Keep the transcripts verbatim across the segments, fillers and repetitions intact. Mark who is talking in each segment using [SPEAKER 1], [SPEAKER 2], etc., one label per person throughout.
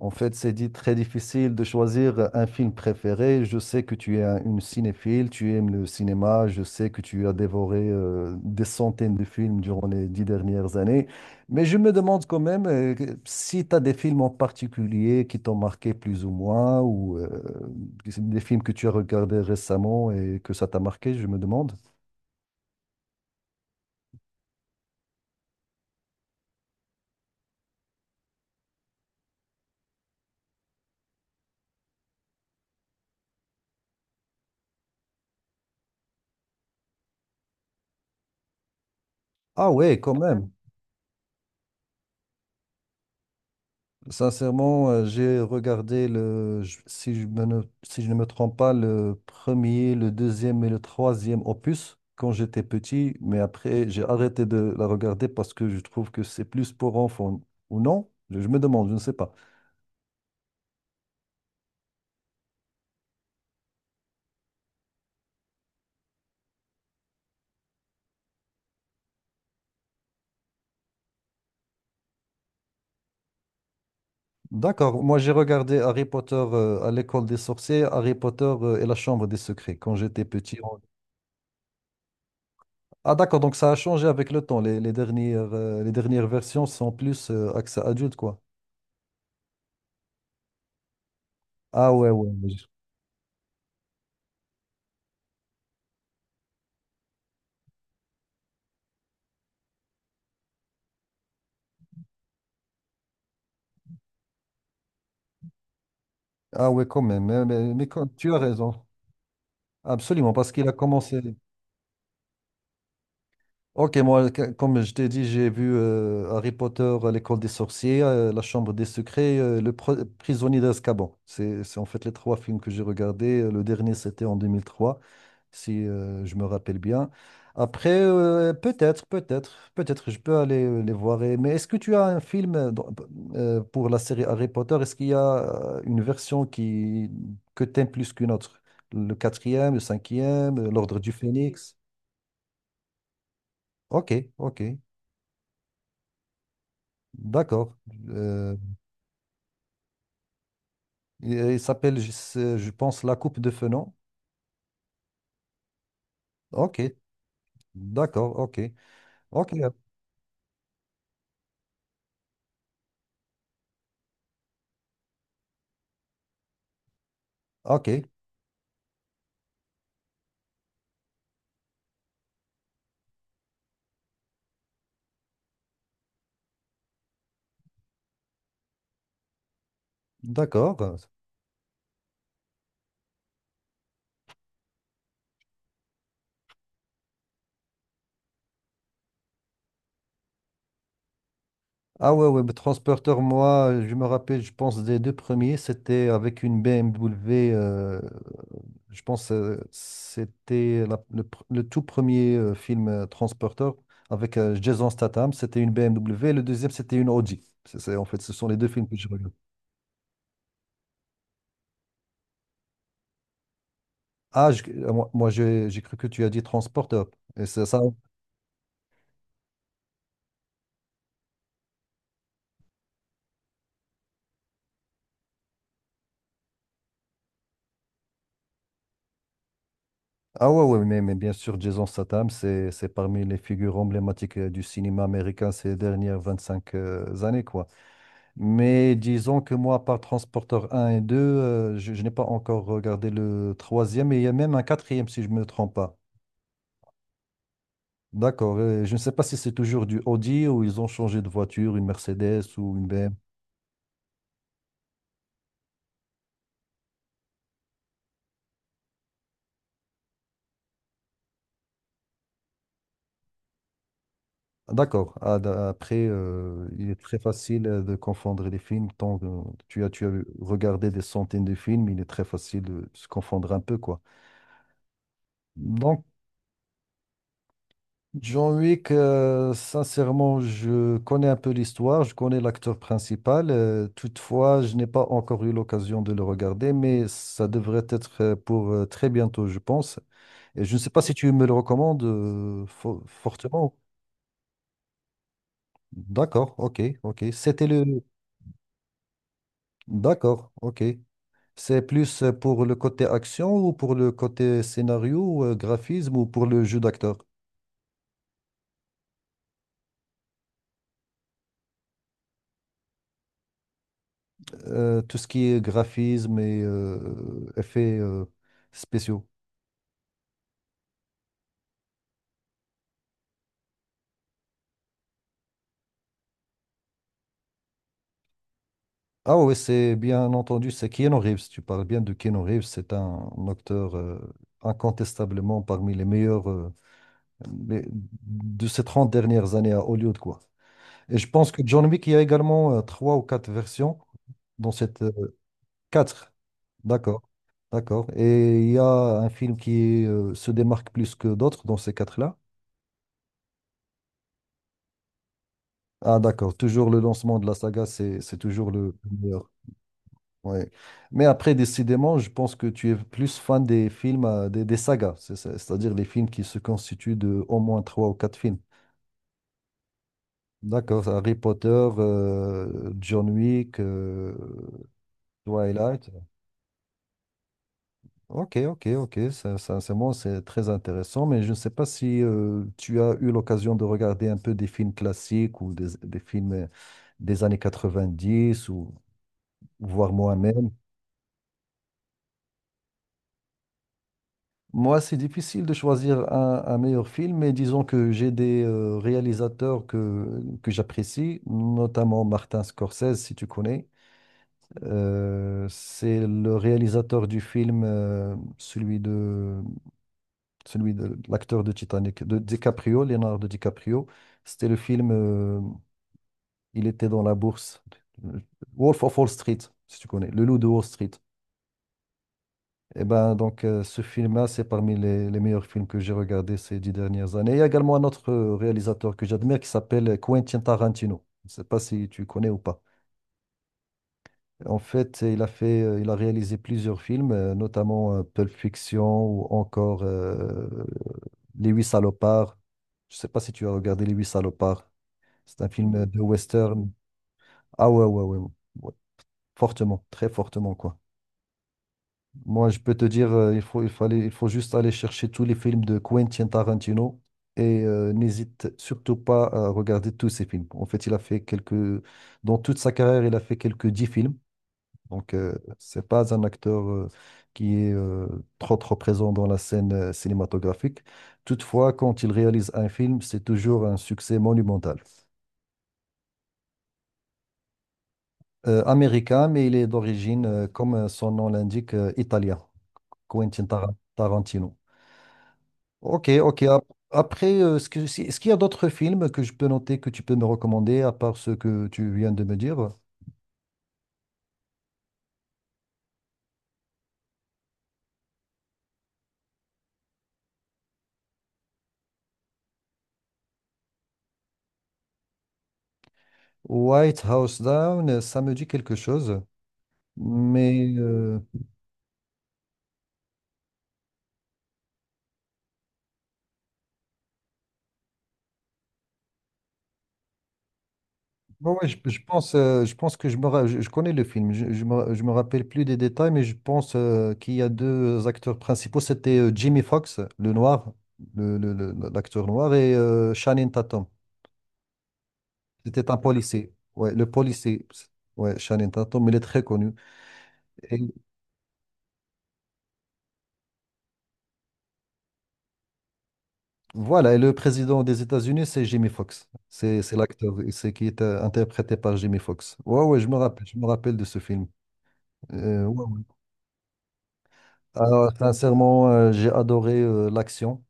[SPEAKER 1] En fait, c'est dit très difficile de choisir un film préféré. Je sais que tu es un- une cinéphile, tu aimes le cinéma. Je sais que tu as dévoré euh, des centaines de films durant les dix dernières années. Mais je me demande quand même euh, que- si tu as des films en particulier qui t'ont marqué plus ou moins, ou euh, des films que tu as regardés récemment et que ça t'a marqué, je me demande. Ah ouais, quand même. Sincèrement, euh, j'ai regardé le, je- si je me ne, si je ne me trompe pas, le premier, le deuxième et le troisième opus quand j'étais petit, mais après j'ai arrêté de la regarder parce que je trouve que c'est plus pour enfants ou non. Je, je me demande, je ne sais pas. D'accord, moi j'ai regardé Harry Potter euh, à l'école des sorciers, Harry Potter euh, et la chambre des secrets quand j'étais petit. on- Ah d'accord, donc ça a changé avec le temps. Les, les dernières, euh, les dernières versions sont plus euh, accès adulte, quoi. Ah ouais, ouais. Ah ouais, quand même. Hein, Mais, mais quand- tu as raison. Absolument, parce qu'il a commencé. Ok, moi, c- comme je t'ai dit, j'ai vu euh, Harry Potter, euh, l'école des sorciers, euh, la chambre des secrets, euh, le Pro- prisonnier d'Azkaban. C'est, c'est en fait les trois films que j'ai regardés. Euh, Le dernier, c'était en deux mille trois, si euh, je me rappelle bien. Après, euh, peut-être, peut-être, peut-être je peux aller euh, les voir. Et- Mais est-ce que tu as un film euh, dans- euh, pour la série Harry Potter? Est-ce qu'il y a euh, une version qui, que t'aimes plus qu'une autre? Le quatrième, le cinquième, euh, l'Ordre du Phénix? Ok, ok. D'accord. Euh, il il s'appelle, je sais- je pense, la coupe de Fenoz. Ok, d'accord, ok. Ok, ok, d'accord. Ah ouais, ouais, mais Transporteur, moi, je me rappelle, je pense, des deux premiers, c'était avec une B M W, euh, je pense, euh, c'était la- le, pr- le tout premier euh, film euh, Transporteur avec euh, Jason Statham, c'était une B M W, le deuxième, c'était une Audi. C'est, c'est- en fait, ce sont les deux films que je regarde. Ah, je- euh, moi, moi, j'ai j'ai cru que tu as dit Transporteur. Et c'est ça. Ah ouais, ouais, mais, mais bien sûr, Jason Statham, c'est c'est parmi les figures emblématiques euh, du cinéma américain ces dernières vingt-cinq euh, années, quoi. Mais disons que moi, par Transporteur un et deux, euh, je, je n'ai pas encore regardé le troisième, et il y a même un quatrième, si je ne me trompe pas. D'accord. euh, Je ne sais pas si c'est toujours du Audi ou ils ont changé de voiture, une Mercedes ou une B M W. D'accord. Ah, d'a- Après, euh, il est très facile euh, de confondre les films. Tant que tu as, tu as regardé des centaines de films, il est très facile de se confondre un peu, quoi. Donc, John Wick, euh, sincèrement, je connais un peu l'histoire, je connais l'acteur principal. euh, toutefois, je n'ai pas encore eu l'occasion de le regarder, mais ça devrait être euh, pour euh, très bientôt, je pense. Et je ne sais pas si tu me le recommandes euh, fo- fortement. D'accord, ok, ok. C'était le. D'accord, ok. C'est plus euh, pour le côté action ou pour le côté scénario, euh, graphisme ou pour le jeu d'acteur? Euh, tout ce qui est graphisme et euh, effets euh, spéciaux. Ah oui, c'est bien entendu, c'est Keanu Reeves. Tu parles bien de Keanu Reeves, c'est un acteur euh, incontestablement parmi les meilleurs euh, les- de ces trente dernières années à Hollywood, quoi. Et je pense que John Wick, il y a également euh, trois ou quatre versions dans cette. Euh, quatre. D'accord, d'accord. Et il y a un film qui euh, se démarque plus que d'autres dans ces quatre-là. Ah, d'accord. Toujours le lancement de la saga, c'est c'est toujours le le meilleur. Ouais. Mais après, décidément, je pense que tu es plus fan des films, euh, des, des sagas, c'est- c'est- c'est-à-dire les films qui se constituent de au moins trois ou quatre films. D'accord. Harry Potter, euh, John Wick, euh, Twilight. Ok, ok, ok, ça, ça, c'est bon, c'est très intéressant, mais je ne sais pas si euh, tu as eu l'occasion de regarder un peu des films classiques ou des, des films euh, des années quatre-vingt-dix ou voire moi-même. Moi, c'est difficile de choisir un, un meilleur film, mais disons que j'ai des euh, réalisateurs que, que j'apprécie, notamment Martin Scorsese, si tu connais. Euh, c'est le réalisateur du film, euh, celui de celui de l'acteur de Titanic, de DiCaprio, Leonardo DiCaprio. C'était le film, euh, il était dans la bourse, euh, Wolf of Wall Street, si tu connais, Le Loup de Wall Street. Et ben donc euh, ce film-là, c'est parmi les, les meilleurs films que j'ai regardés ces dix dernières années. Il y a également un autre euh, réalisateur que j'admire qui s'appelle Quentin Tarantino. Je ne sais pas si tu connais ou pas. En fait, il a fait, euh, il a réalisé plusieurs films, euh, notamment euh, Pulp Fiction ou encore euh, Les Huit Salopards. Je sais pas si tu as regardé Les Huit Salopards. C'est un film euh, de western. Ah ouais, ouais, ouais, ouais. Fortement, très fortement, quoi. Moi, je peux te dire, euh, il faut, il fallait, il faut juste aller chercher tous les films de Quentin Tarantino et euh, n'hésite surtout pas à regarder tous ses films. En fait, il a fait quelques, dans toute sa carrière, il a fait quelques dix films. Donc, euh, c'est pas un acteur euh, qui est euh, trop trop présent dans la scène euh, cinématographique. Toutefois, quand il réalise un film, c'est toujours un succès monumental. Euh, américain, mais il est d'origine, euh, comme euh, son nom l'indique, euh, italien. Quentin Tar- Tarantino. Ok, ok. ap- Après, euh, est-ce que- si- est-ce qu'il y a d'autres films que je peux noter que tu peux me recommander à part ce que tu viens de me dire? White House Down, euh, ça me dit quelque chose, mais euh, Ouais, ouais, je, je pense, euh, je pense que je, me, ra- je, je connais le film. Je, je me, je me rappelle plus des détails, mais je pense euh, qu'il y a deux euh, acteurs principaux. C'était euh, Jimmy Fox, le noir, le, le- le- l'acteur noir, et euh, Channing Tatum. C'était un policier. Ouais, le policier. Ouais, Channing Tatum, il est très connu. Et voilà, et le président des États-Unis, c'est Jimmy Fox. C'est, c'est l'acteur, c'est qui est euh, interprété par Jimmy Fox. Ouais, ouais, je me rappelle, je me rappelle de ce film. Euh, ouais, ouais. Alors, sincèrement, euh, j'ai adoré euh, l'action.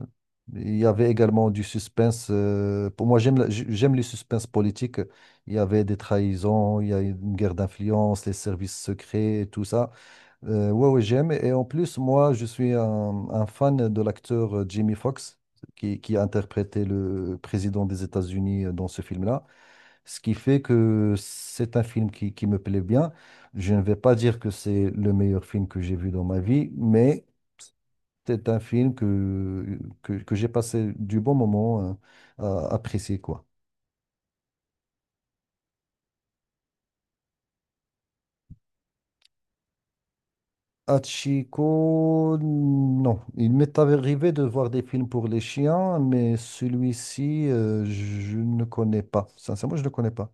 [SPEAKER 1] Il y avait également du suspense. euh, pour moi, j'aime la- j- j'aime les suspens politiques. Il y avait des trahisons, il y a une guerre d'influence, les services secrets, et tout ça. Euh, ouais, ouais, j'aime. Et en plus, moi, je suis un, un fan de l'acteur euh, Jamie Foxx, qui, qui a interprété le président des États-Unis euh, dans ce film-là. Ce qui fait que c'est un film qui qui me plaît bien. Je ne vais pas dire que c'est le meilleur film que j'ai vu dans ma vie, mais c'est un film que, que, que j'ai passé du bon moment euh, à apprécier, quoi. Hachiko, non. Il m'est arrivé de voir des films pour les chiens, mais celui-ci, euh, je ne connais pas. Sincèrement, je ne connais pas.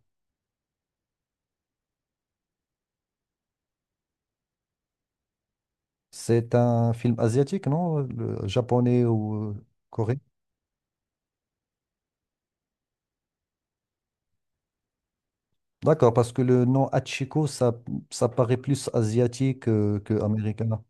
[SPEAKER 1] C'est un film asiatique, non? Le- japonais ou euh, coréen? D'accord, parce que le nom Hachiko, ça, ça, paraît plus asiatique euh, que américain.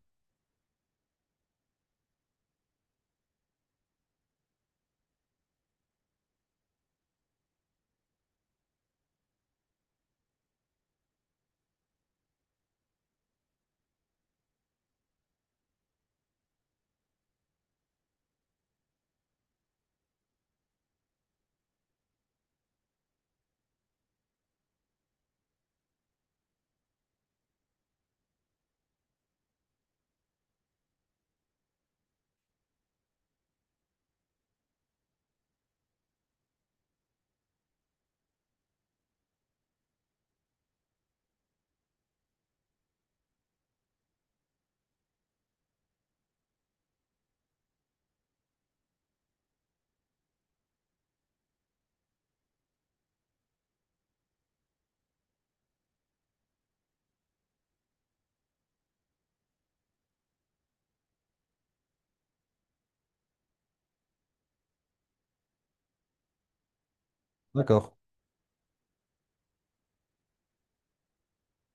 [SPEAKER 1] D'accord.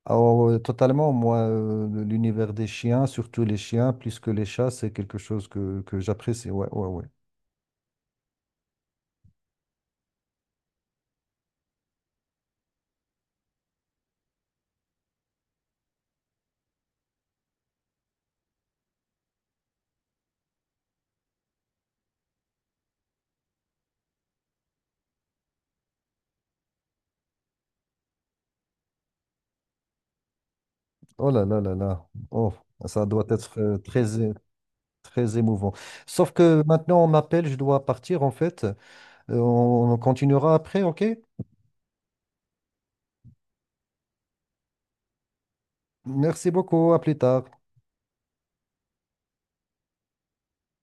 [SPEAKER 1] Alors, euh, totalement, moi, euh, le- l'univers des chiens, surtout les chiens, plus que les chats, c'est quelque chose que, que j'apprécie. Ouais, ouais, ouais. Oh là là là là. Oh, ça doit être euh, très, é- très émouvant. Sauf que maintenant, on m'appelle, je dois partir en fait. Euh, On on continuera après, ok? Merci beaucoup, à plus tard.